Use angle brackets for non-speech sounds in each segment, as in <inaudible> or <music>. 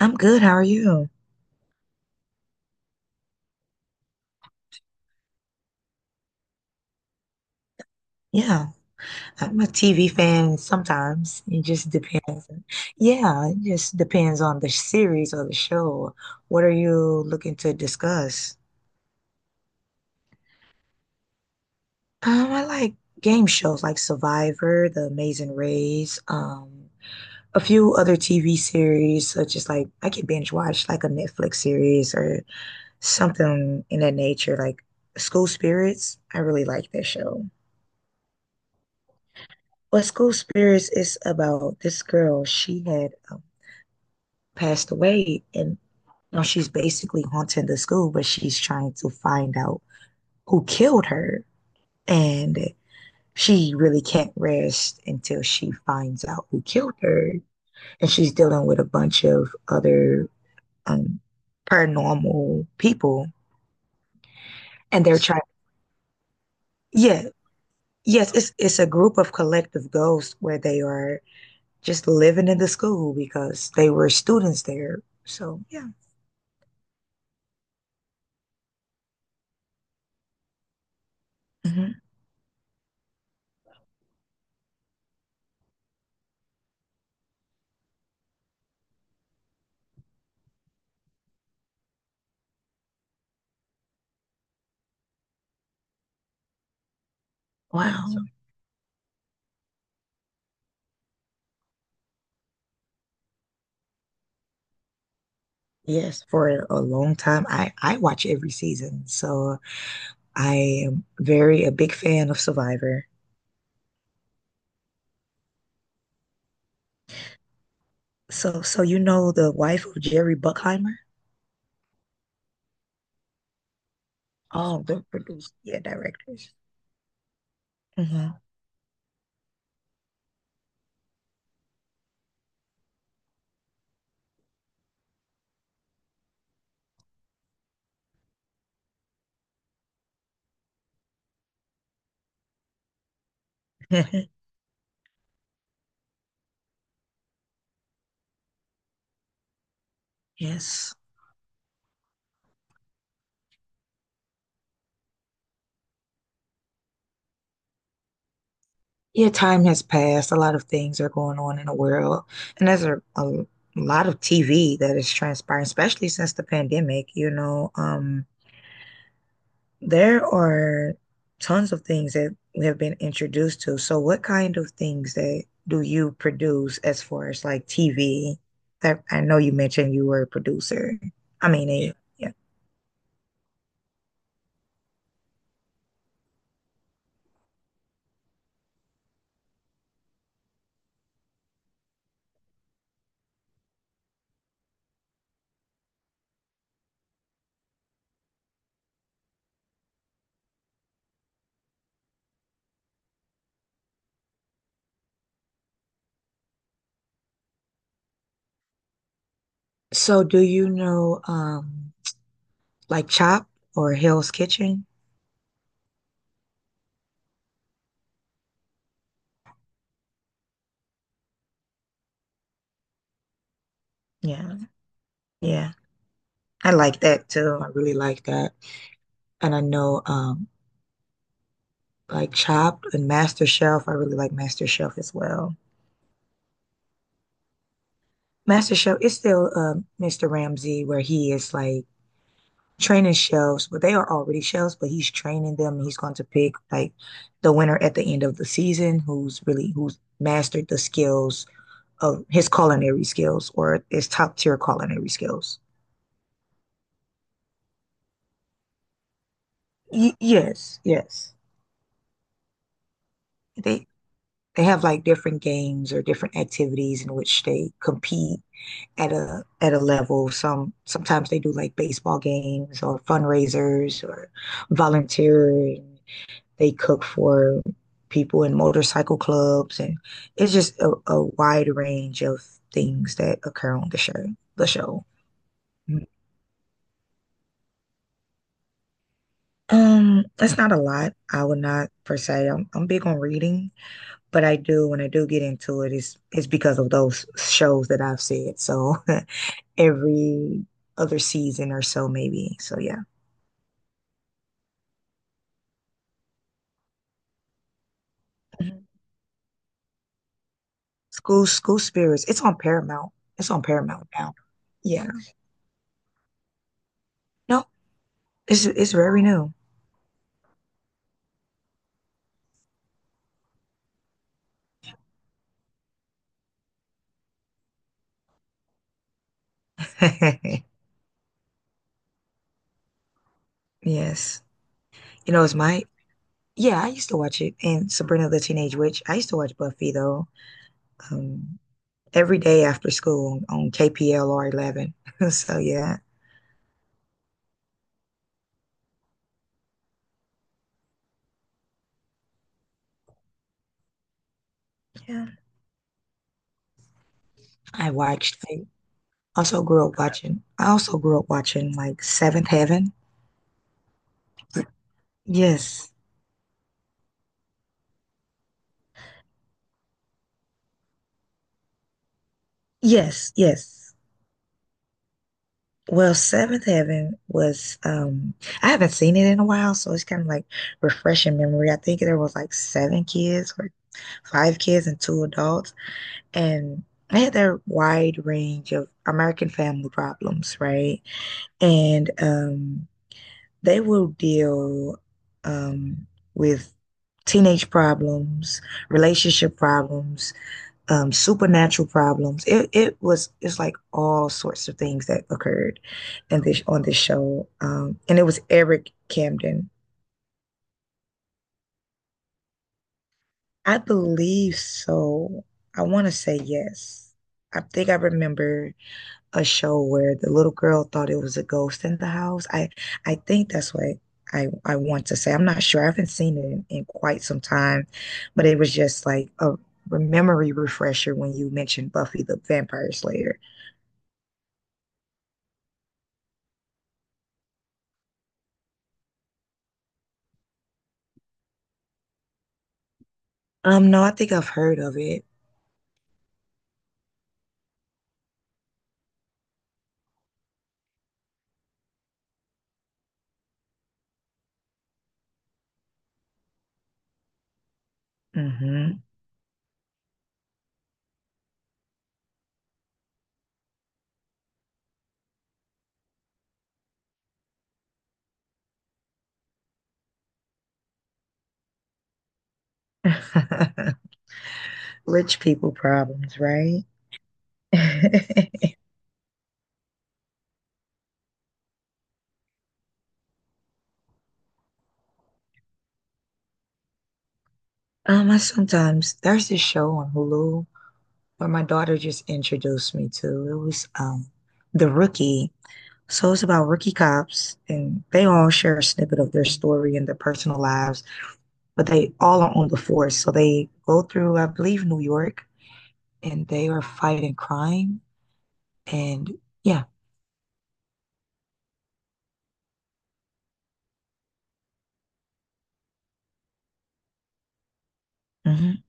I'm good. How are you? Yeah, I'm a TV fan sometimes. It just depends. Yeah, it just depends on the series or the show. What are you looking to discuss? I like game shows like Survivor, The Amazing Race, a few other TV series such as like I could binge watch like a Netflix series or something in that nature, like School Spirits. I really like that show. Well, School Spirits is about this girl. She had a passed away and she's basically haunting the school, but she's trying to find out who killed her. And she really can't rest until she finds out who killed her. And she's dealing with a bunch of other um, paranormal people. And they're trying, yeah, yes, it's a group of collective ghosts where they are just living in the school because they were students there. So, yeah. Mhm. Wow. So yes, for a long time. I watch every season. So I am very a big fan of Survivor. So you know the wife of Jerry Buckheimer? Oh, the producer, yeah, directors. Hmm. <laughs> Yes. Yeah, time has passed. A lot of things are going on in the world. And there's a lot of TV that is transpiring, especially since the pandemic, you know. Um, there are tons of things that we have been introduced to. So what kind of things that do you produce as far as like TV? That I know you mentioned you were a producer. I mean, yeah. A, yeah. So do you know like Chop or Hell's Kitchen? Yeah. Yeah. I like that too. I really like that. And I know like Chopped and MasterChef. I really like MasterChef as well. MasterChef is still Mr. Ramsay where he is like training chefs, but they are already chefs, but he's training them and he's going to pick like the winner at the end of the season who's really who's mastered the skills of his culinary skills or his top tier culinary skills. Y yes, yes. They they have like different games or different activities in which they compete at a level. Sometimes they do like baseball games or fundraisers or volunteering. They cook for people in motorcycle clubs, and it's just a wide range of things that occur on the show. The show. That's not a lot. I would not per se. I'm big on reading, but I do when I do get into it, it's because of those shows that I've said. So <laughs> every other season or so, maybe. So yeah. School Spirits. It's on Paramount. It's on Paramount now. Yeah. No, it's very new. <laughs> Yes. You know, it's my yeah, I used to watch it and Sabrina the Teenage Witch. I used to watch Buffy though. Um every day after school on KPLR 11. <laughs> So yeah. Yeah. I watched I also grew up watching. I also grew up watching like Seventh Heaven. Yes. Yes, yes. Well, Seventh Heaven was I haven't seen it in a while, so it's kind of like refreshing memory. I think there was like seven kids or five kids and two adults, and I had that wide range of American family problems, right? And they will deal um with teenage problems, relationship problems, supernatural problems. It was it's like all sorts of things that occurred, in this on this show. And it was Eric Camden, I believe so. I want to say yes. I think I remember a show where the little girl thought it was a ghost in the house. I think that's what I want to say. I'm not sure. I haven't seen it in quite some time, but it was just like a memory refresher when you mentioned Buffy the Vampire Slayer. No, I think I've heard of it. Hmm. <laughs> Rich people problems, right? <laughs> I sometimes there's this show on Hulu where my daughter just introduced me to. It was The Rookie. So it's about rookie cops, and they all share a snippet of their story and their personal lives, but they all are on the force. So they go through, I believe, New York, and they are fighting crime. And yeah. Hmm.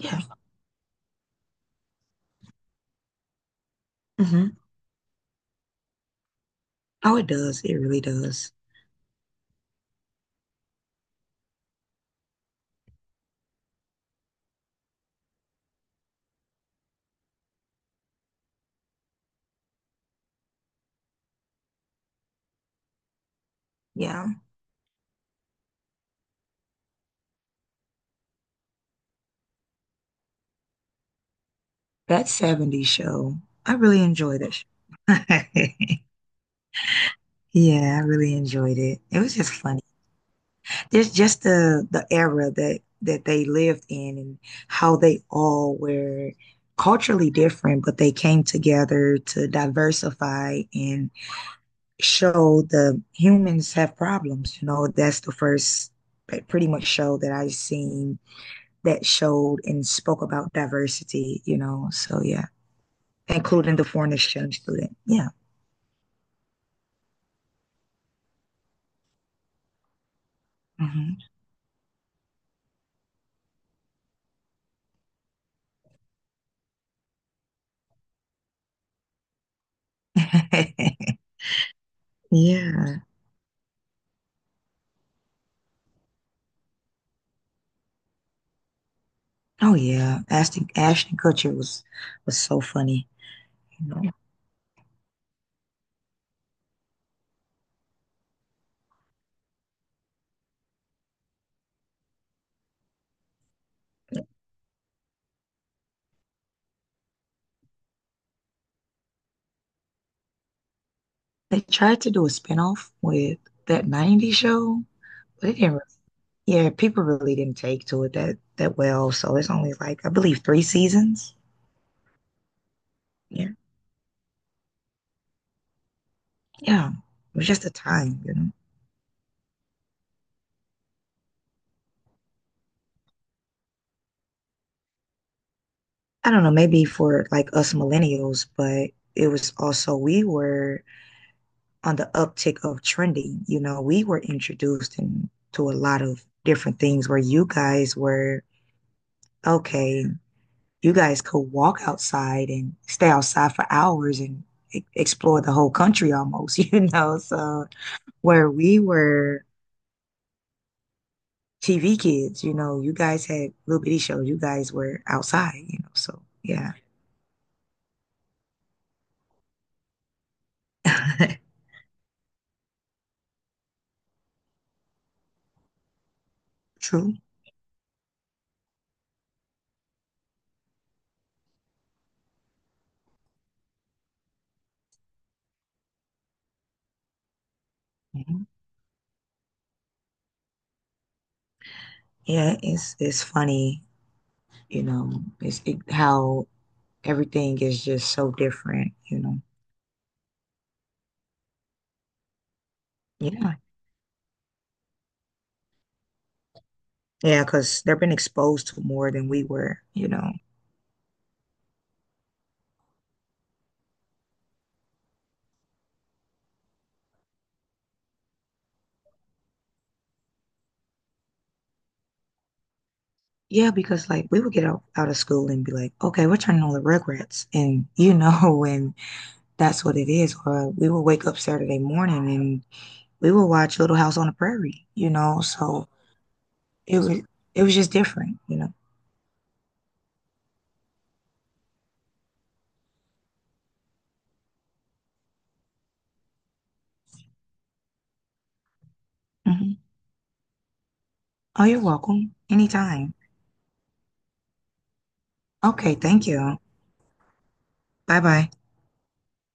Yeah. Hmm. Oh, it does. It really does. Yeah. That 70s show, I really enjoyed it. <laughs> Yeah, I really enjoyed it. It was just fun. Just the era that they lived in and how they all were culturally different, but they came together to diversify and show the humans have problems. You know, that's the first pretty much show that I've seen that showed and spoke about diversity, you know. So yeah, including the foreign exchange student. Yeah. Hmm. <laughs> Yeah. Oh yeah. Ashton Kutcher was so funny. You know. They tried to do a spinoff with that '90s show, but it didn't, yeah, people really didn't take to it that well. So it's only like I believe 3 seasons. Yeah. Yeah. It was just a time, you know. I don't know, maybe for like us millennials, but it was also we were on the uptick of trending. You know, we were introduced in, to a lot of different things where you guys were, okay, you guys could walk outside and stay outside for hours and explore the whole country almost, <laughs> you know? So where we were TV kids, you know, you guys had little bitty shows. You guys were outside, you know? So yeah. <laughs> True. Mhm. Yeah, it's funny, you know, it's it, how everything is just so different, you know. Yeah. Yeah, because they've been exposed to more than we were, you know. Yeah, because like we would get out, out of school and be like, okay, we're turning on the Rugrats. And you know, <laughs> and that's what it is. Or we would wake up Saturday morning and we would watch Little House on the Prairie, you know. So it was it was just different, you know. Hmm. Oh, you're welcome. Anytime. Okay, thank you. Bye bye.